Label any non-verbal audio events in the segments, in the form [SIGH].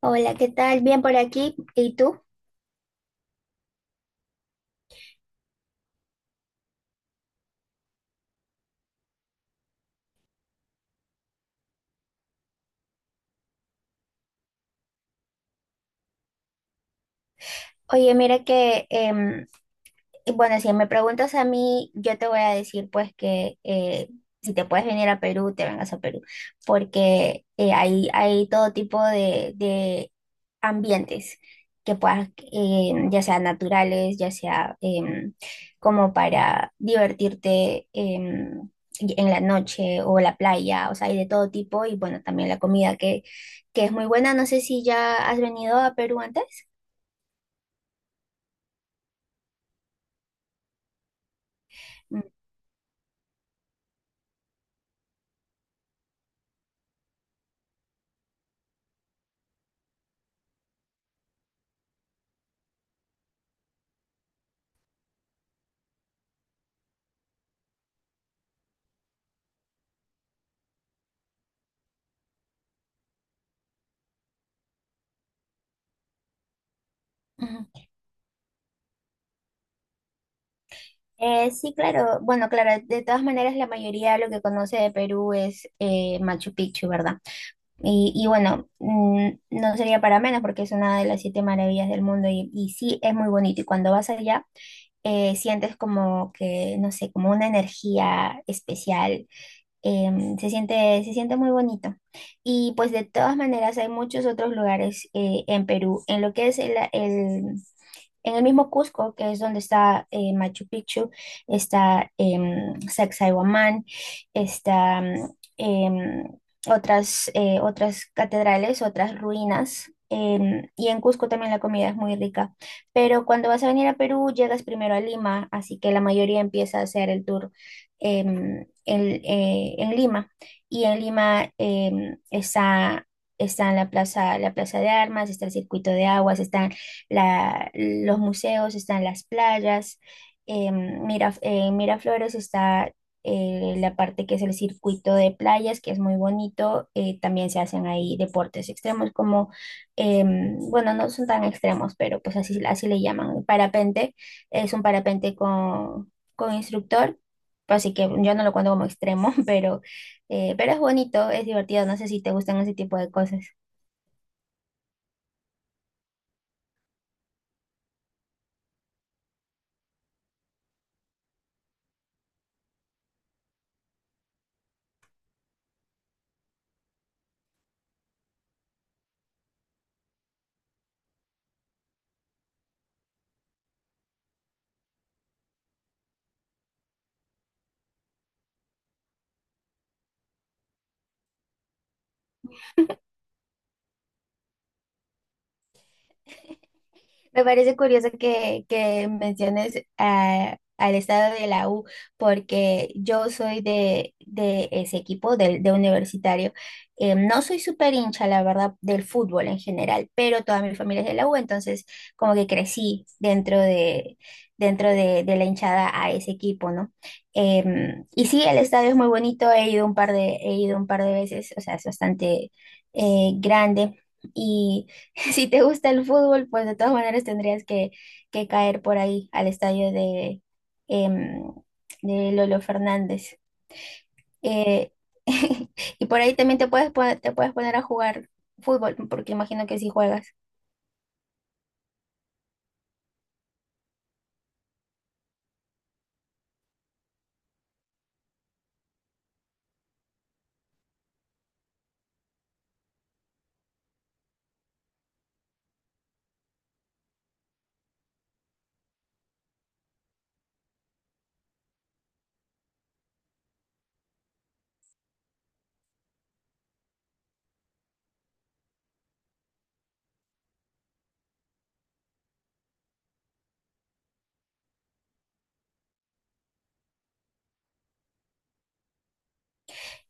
Hola, ¿qué tal? Bien por aquí. ¿Y tú? Oye, mira que, y bueno, si me preguntas a mí, yo te voy a decir pues que si te puedes venir a Perú, te vengas a Perú, porque hay todo tipo de ambientes que puedas, ya sea naturales, ya sea como para divertirte en la noche o la playa, o sea, hay de todo tipo y bueno, también la comida que es muy buena. No sé si ya has venido a Perú antes. Mm, ujú. Sí, claro. Bueno, claro, de todas maneras la mayoría lo que conoce de Perú es Machu Picchu, ¿verdad? Y bueno, mm, no sería para menos porque es una de las siete maravillas del mundo y sí es muy bonito. Y cuando vas allá, sientes como que, no sé, como una energía especial. Se siente muy bonito. Y pues de todas maneras hay muchos otros lugares en Perú. En lo que es en el mismo Cusco, que es donde está Machu Picchu, está Sacsayhuamán, está otras, otras catedrales, otras ruinas. Em, y en Cusco también la comida es muy rica. Pero cuando vas a venir a Perú, llegas primero a Lima, así que la mayoría empieza a hacer el tour en Lima. Y en Lima está en la plaza de armas, está el circuito de aguas, está los museos, están las playas, en Miraflores está la parte que es el circuito de playas, que es muy bonito, también se hacen ahí deportes extremos como, bueno, no son tan extremos, pero pues así le llaman, parapente, es un parapente con instructor. Pues así que yo no lo cuento como extremo, [LAUGHS] pero es bonito, es divertido. No sé si te gustan ese tipo de cosas. Me parece curioso que menciones al estado de la U, porque yo soy de ese equipo, del de universitario. No soy súper hincha, la verdad, del fútbol en general, pero toda mi familia es de la U, entonces como que crecí dentro de la hinchada a ese equipo, ¿no? Em, y sí, el estadio es muy bonito, he ido un par de veces, o sea, es bastante grande. Si te gusta el fútbol, pues de todas maneras tendrías que caer por ahí al estadio de, em, de Lolo Fernández. Eh, [LAUGHS] y por ahí también te puedes, te puedes poner a jugar fútbol, porque imagino que si juegas.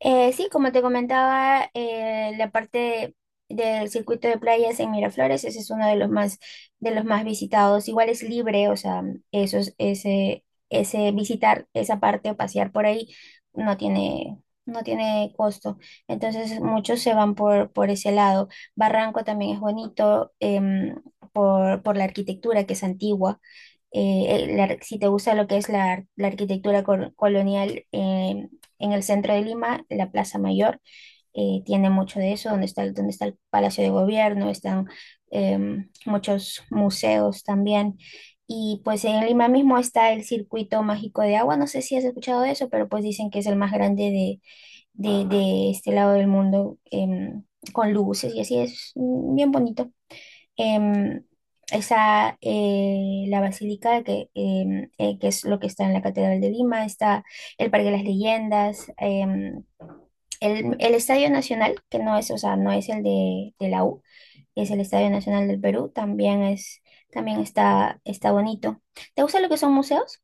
Sí, como te comentaba, la parte del circuito de playas en Miraflores, ese es uno de los más visitados. Igual es libre, o sea, ese visitar esa parte o pasear por ahí no tiene, no tiene costo. Entonces muchos se van por ese lado. Barranco también es bonito, por la arquitectura que es antigua. Si te gusta lo que es la arquitectura colonial, en el centro de Lima, la Plaza Mayor tiene mucho de eso, donde está, donde está el Palacio de Gobierno, están muchos museos también. Y pues en Lima mismo está el Circuito Mágico de Agua, no sé si has escuchado de eso, pero pues dicen que es el más grande de, de este lado del mundo, con luces y así es mm, bien bonito. em, Está la basílica, que es lo que está en la Catedral de Lima, está el Parque de las Leyendas, el Estadio Nacional, que no es, o sea, no es el de la U, es el Estadio Nacional del Perú, también es, también está, está bonito. ¿Te gusta lo que son museos?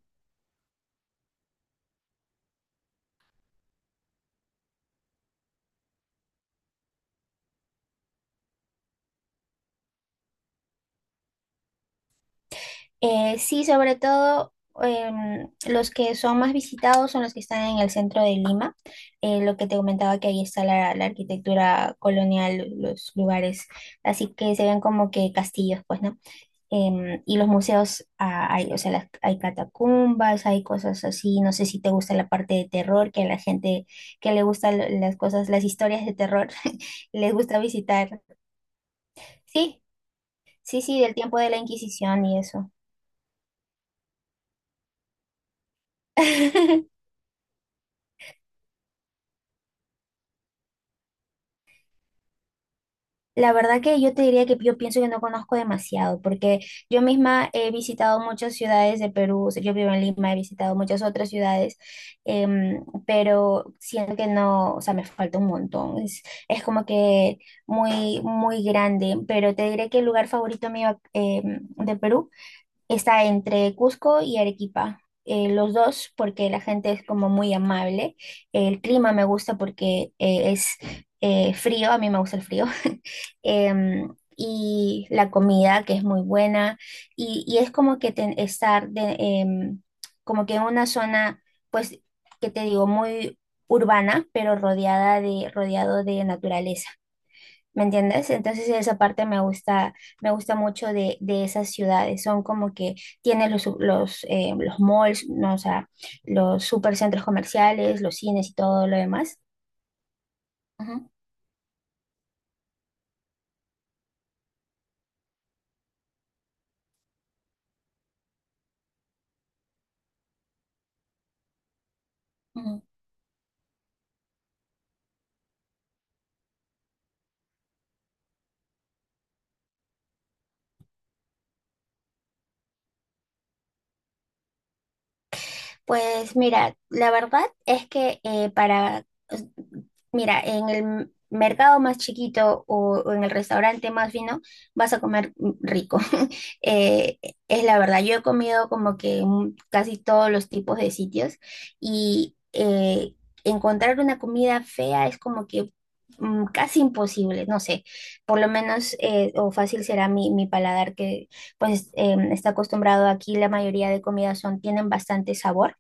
Sí, sobre todo los que son más visitados son los que están en el centro de Lima. Lo que te comentaba que ahí está la arquitectura colonial, los lugares, así que se ven como que castillos, pues, ¿no? Em, y los museos, ah, hay, o sea, hay catacumbas, hay cosas así. No sé si te gusta la parte de terror, que a la gente que le gustan las cosas, las historias de terror, [LAUGHS] les gusta visitar. Sí, sí, sí, del tiempo de la Inquisición y eso. [LAUGHS] La verdad que yo te diría que yo pienso que no conozco demasiado, porque yo misma he visitado muchas ciudades de Perú, o sea, yo vivo en Lima, he visitado muchas otras ciudades, pero siento que no, o sea, me falta un montón, es como que muy, muy grande, pero te diré que el lugar favorito mío de Perú está entre Cusco y Arequipa. Eh, los dos, porque la gente es como muy amable. El clima me gusta porque es frío, a mí me gusta el frío. [LAUGHS] Em, y la comida, que es muy buena. Y es como que como que en una zona, pues, que te digo, muy urbana, pero rodeado de naturaleza. ¿Me entiendes? Entonces esa parte me gusta mucho de esas ciudades. Son como que tienen los malls, ¿no? O sea, los supercentros comerciales, los cines y todo lo demás. Ujú, ujú. Pues mira, la verdad es que mira, en el mercado más chiquito o en el restaurante más fino vas a comer rico. [LAUGHS] Eh, es la verdad, yo he comido como que en casi todos los tipos de sitios y encontrar una comida fea es como que mm, casi imposible, no sé, por lo menos o fácil será mi paladar que pues está acostumbrado aquí, la mayoría de comidas son, tienen bastante sabor.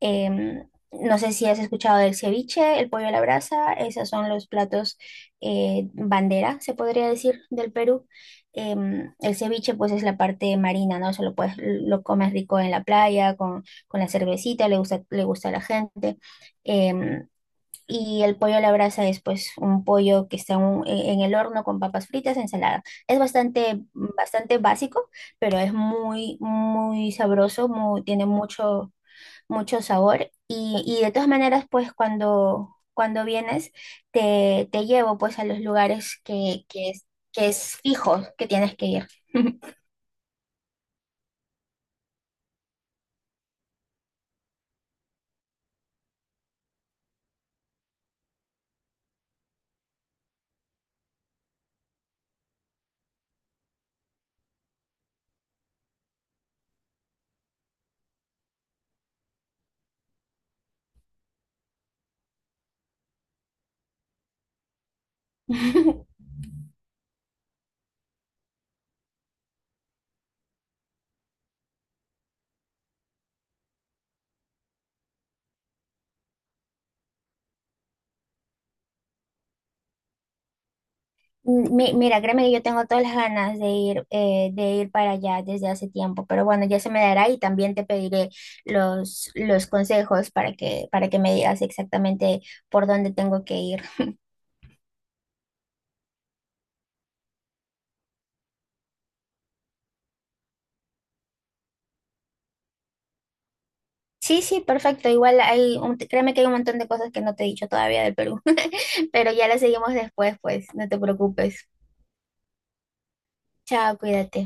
Em, no sé si has escuchado del ceviche, el pollo a la brasa, esos son los platos bandera, se podría decir, del Perú. Em, el ceviche pues es la parte marina, ¿no? Se lo puedes, lo comes rico en la playa, con la cervecita, le gusta a la gente. Em, y el pollo a la brasa es pues un pollo que está en, en el horno con papas fritas, ensalada. Es bastante, bastante básico, pero es muy, sabroso, muy- tiene mucho mucho sabor. Y de todas maneras, pues cuando, cuando vienes, te llevo pues a los lugares que es fijo que tienes que ir. [LAUGHS] Mira, créeme que yo tengo todas las ganas de ir para allá desde hace tiempo, pero bueno, ya se me dará y también te pediré los consejos para para que me digas exactamente por dónde tengo que ir. Sí, sí, perfecto. Igual hay, créeme que hay un montón de cosas que no te he dicho todavía del Perú, [LAUGHS] pero ya las seguimos después, pues, no te preocupes. Chao, cuídate.